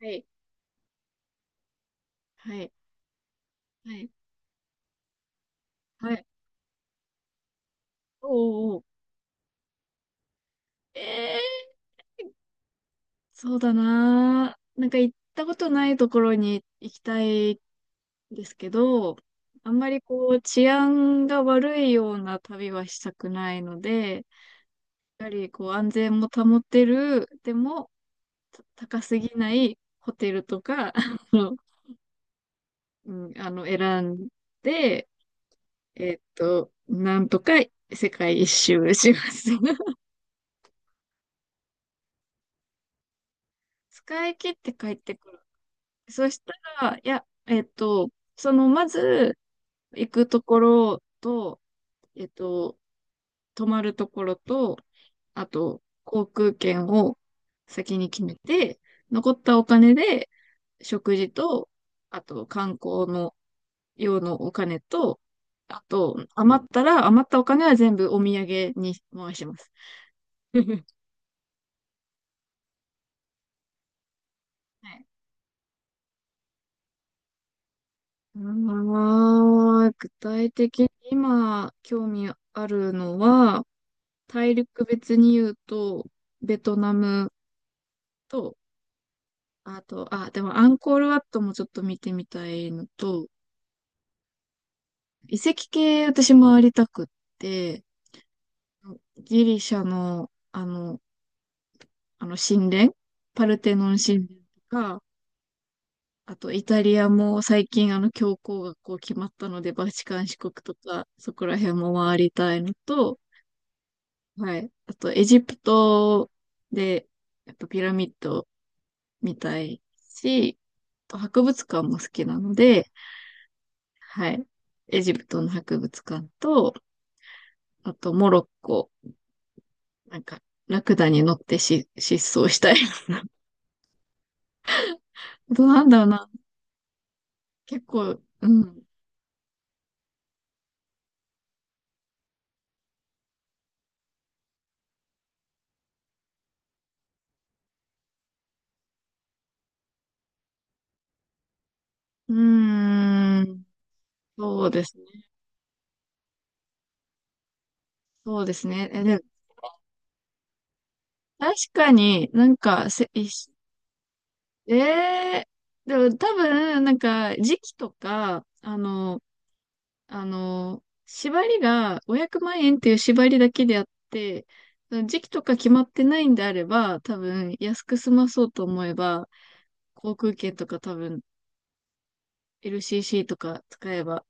はい、はい、はい、はい。おーおー、ええそうだなー。なんか行ったことないところに行きたいんですけど、あんまりこう治安が悪いような旅はしたくないので、やはりこう安全も保てる、でも高すぎないホテルとか、うん、選んで、なんとか世界一周します。使い切って帰ってくる。そしたら、いや、まず、行くところと、えっと、泊まるところと、あと、航空券を先に決めて、残ったお金で、食事と、あと、観光の用のお金と、あと、余ったら、余ったお金は全部お土産に回します。はい。う具体的に今、興味あるのは、大陸別に言うと、ベトナムと、あと、あ、でもアンコールワットもちょっと見てみたいのと、遺跡系私回りたくって、ギリシャの、あの神殿、パルテノン神殿とか、あとイタリアも最近あの教皇がこう決まったので、バチカン四国とか、そこら辺も回りたいのと、はい。あとエジプトで、やっぱピラミッド見たいし、あと博物館も好きなので、はい。エジプトの博物館と、あとモロッコ、なんか、ラクダに乗って、失踪したい。あとなんだろうな。結構、うん。うーん。そうですね。そうですね。え、でも、確かになんか、せ、いしえでも多分、なんか、時期とか、縛りが500万円っていう縛りだけであって、時期とか決まってないんであれば、多分安く済まそうと思えば、航空券とか多分 LCC とか使えば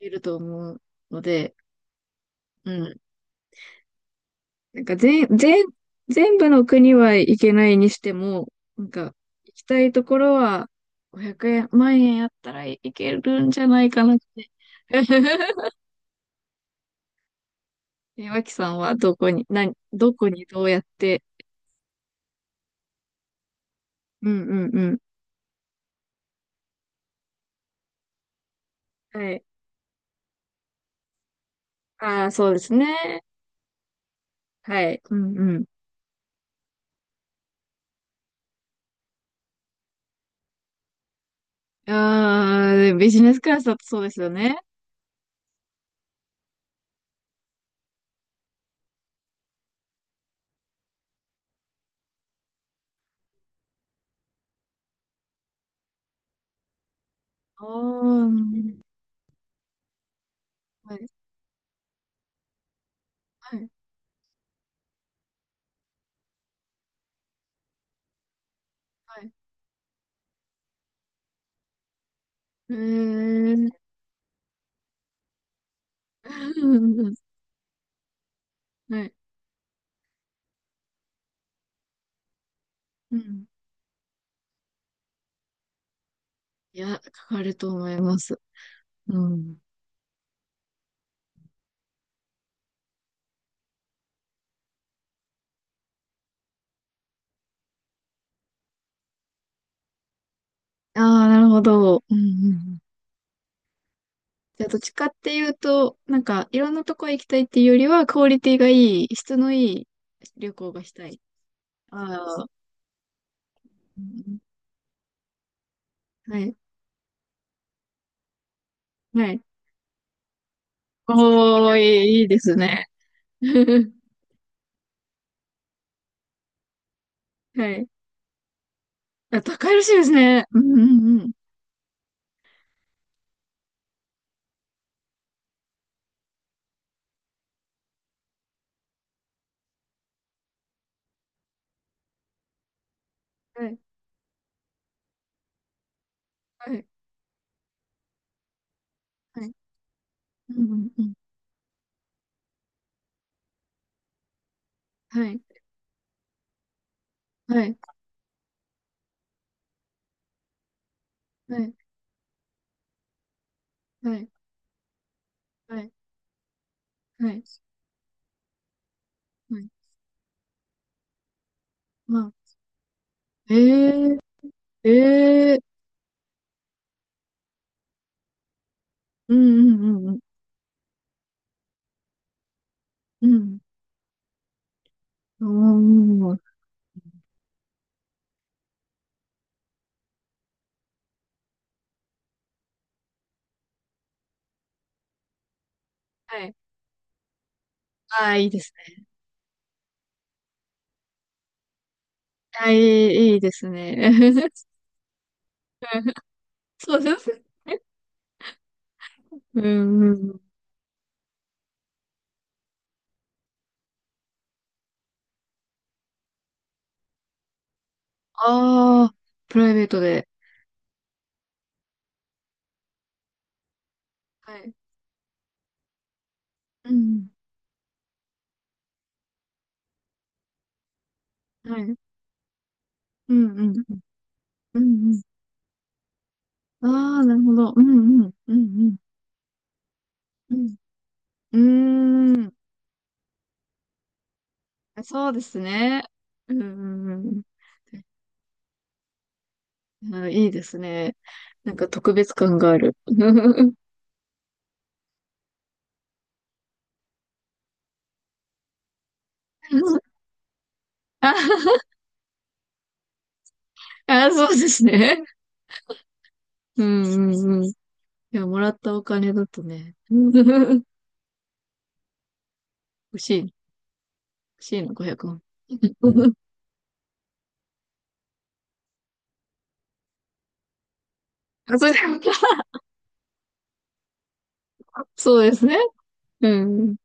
いると思うので、うん。なんか全部の国は行けないにしても、なんか行きたいところは500万円あったらいけるんじゃないかなって。え、脇さんはどこにどうやってうんうんうん。はい。ああ、そうですね。はい。うんうん。ああ、でビジネスクラスだとそうですよね。ああ、はい。はい。はい。えー。うんはい。うん。いや、かかると思います。うん。ああ、なるほど。うんうんうん。じゃあ、どっちかっていうと、なんか、いろんなとこ行きたいっていうよりは、クオリティがいい、質のいい旅行がしたい。ああ、うんはい。はい。おー、いい、いいですね。はい。あ、高いらしいですね。うんうんうん。はい。はい。はい。うんうんうん。はい。はい。はい。はい。はい。はい。はいまあ、ええええうんうんうんうん。うん。おー。はい。ああ、いいですね。ああ、いい、いいですね。そうですね。うんうんうん。ああ、プライベートで。はい。うん。はい。うんうんうんうん。ああ、なるほど。うんうんうんうん。うーん。そうですね。うんうんうん。あいいですね。なんか特別感がある。あ、あそうですね。うんうんうん。いや、もらったお金だとね。欲しい、欲しいな、500万。あ、そうです。そうですね。うん。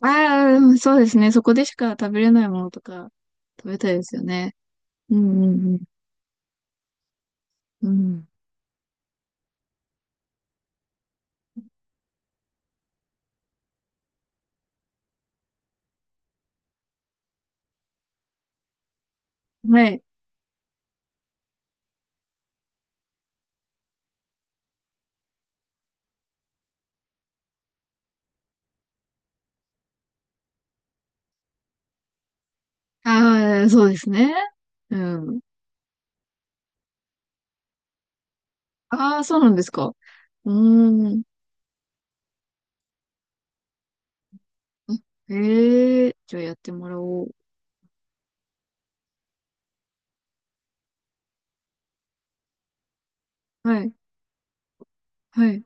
ああ、そうですね。そこでしか食べれないものとか食べたいですよね。うんうんうん。うん。はい。ああ、そうですね。うん。ああ、そうなんですか。うーん。あへえ、じゃあやってもらおう。はい、はい。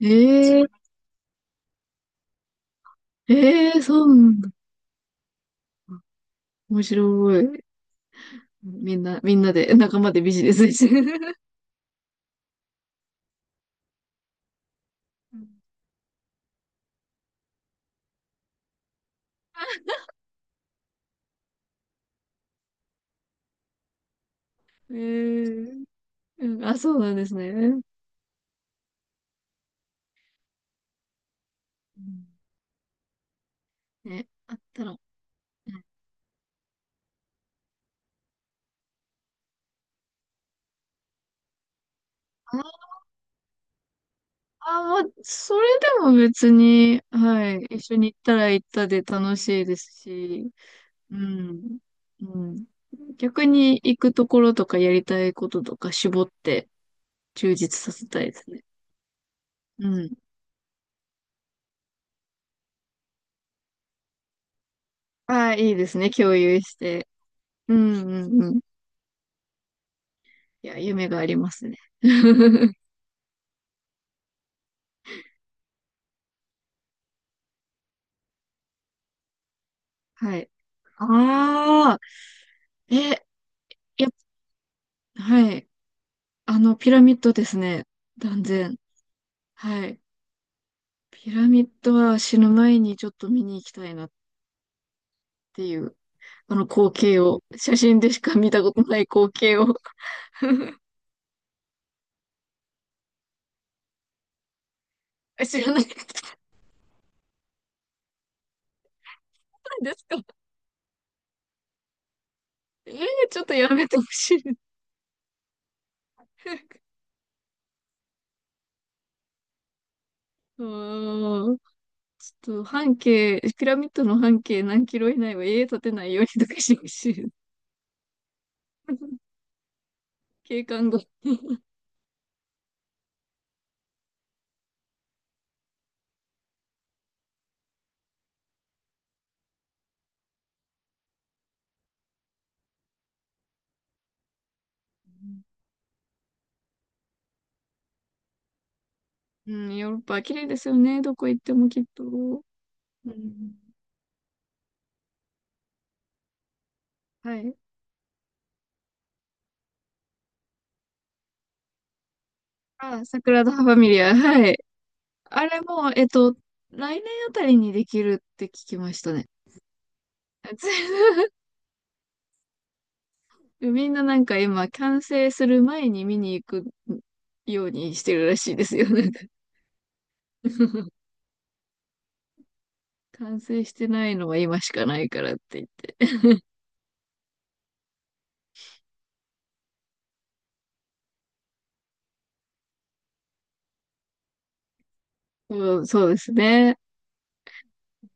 ええ、ええ、そうなんだ。面白い。みんなで、仲間でビジネスしてる。ええ、うん、あ、そうなんですね。うんね、あったら。うんあ、あ、まあ、それでも別に、はい、一緒に行ったら行ったで楽しいですし、うん。うん。逆に行くところとかやりたいこととか絞って充実させたいですね。うん。ああ、いいですね。共有して。うんうんうん。いや、夢がありますね。はい。ああ、え、やっ、はい。ピラミッドですね。断然。はい。ピラミッドは死ぬ前にちょっと見に行きたいなっていう、あの光景を、写真でしか見たことない光景を 知らないこと なんですかえー、ちょっとやめてほしい。うーん。ちょっと半径、ピラミッドの半径何キロ以内は家建てないようにとかしてほしい。景観が。うん、ヨーロッパ綺麗ですよね。どこ行ってもきっと。うん、はい。あ、桜田ファミリア。はい。あれも、来年あたりにできるって聞きましたね。みんななんか今、完成する前に見に行くようにしてるらしいですよ。なんか 完成してないのは今しかないからって言って。うん、そうですね。う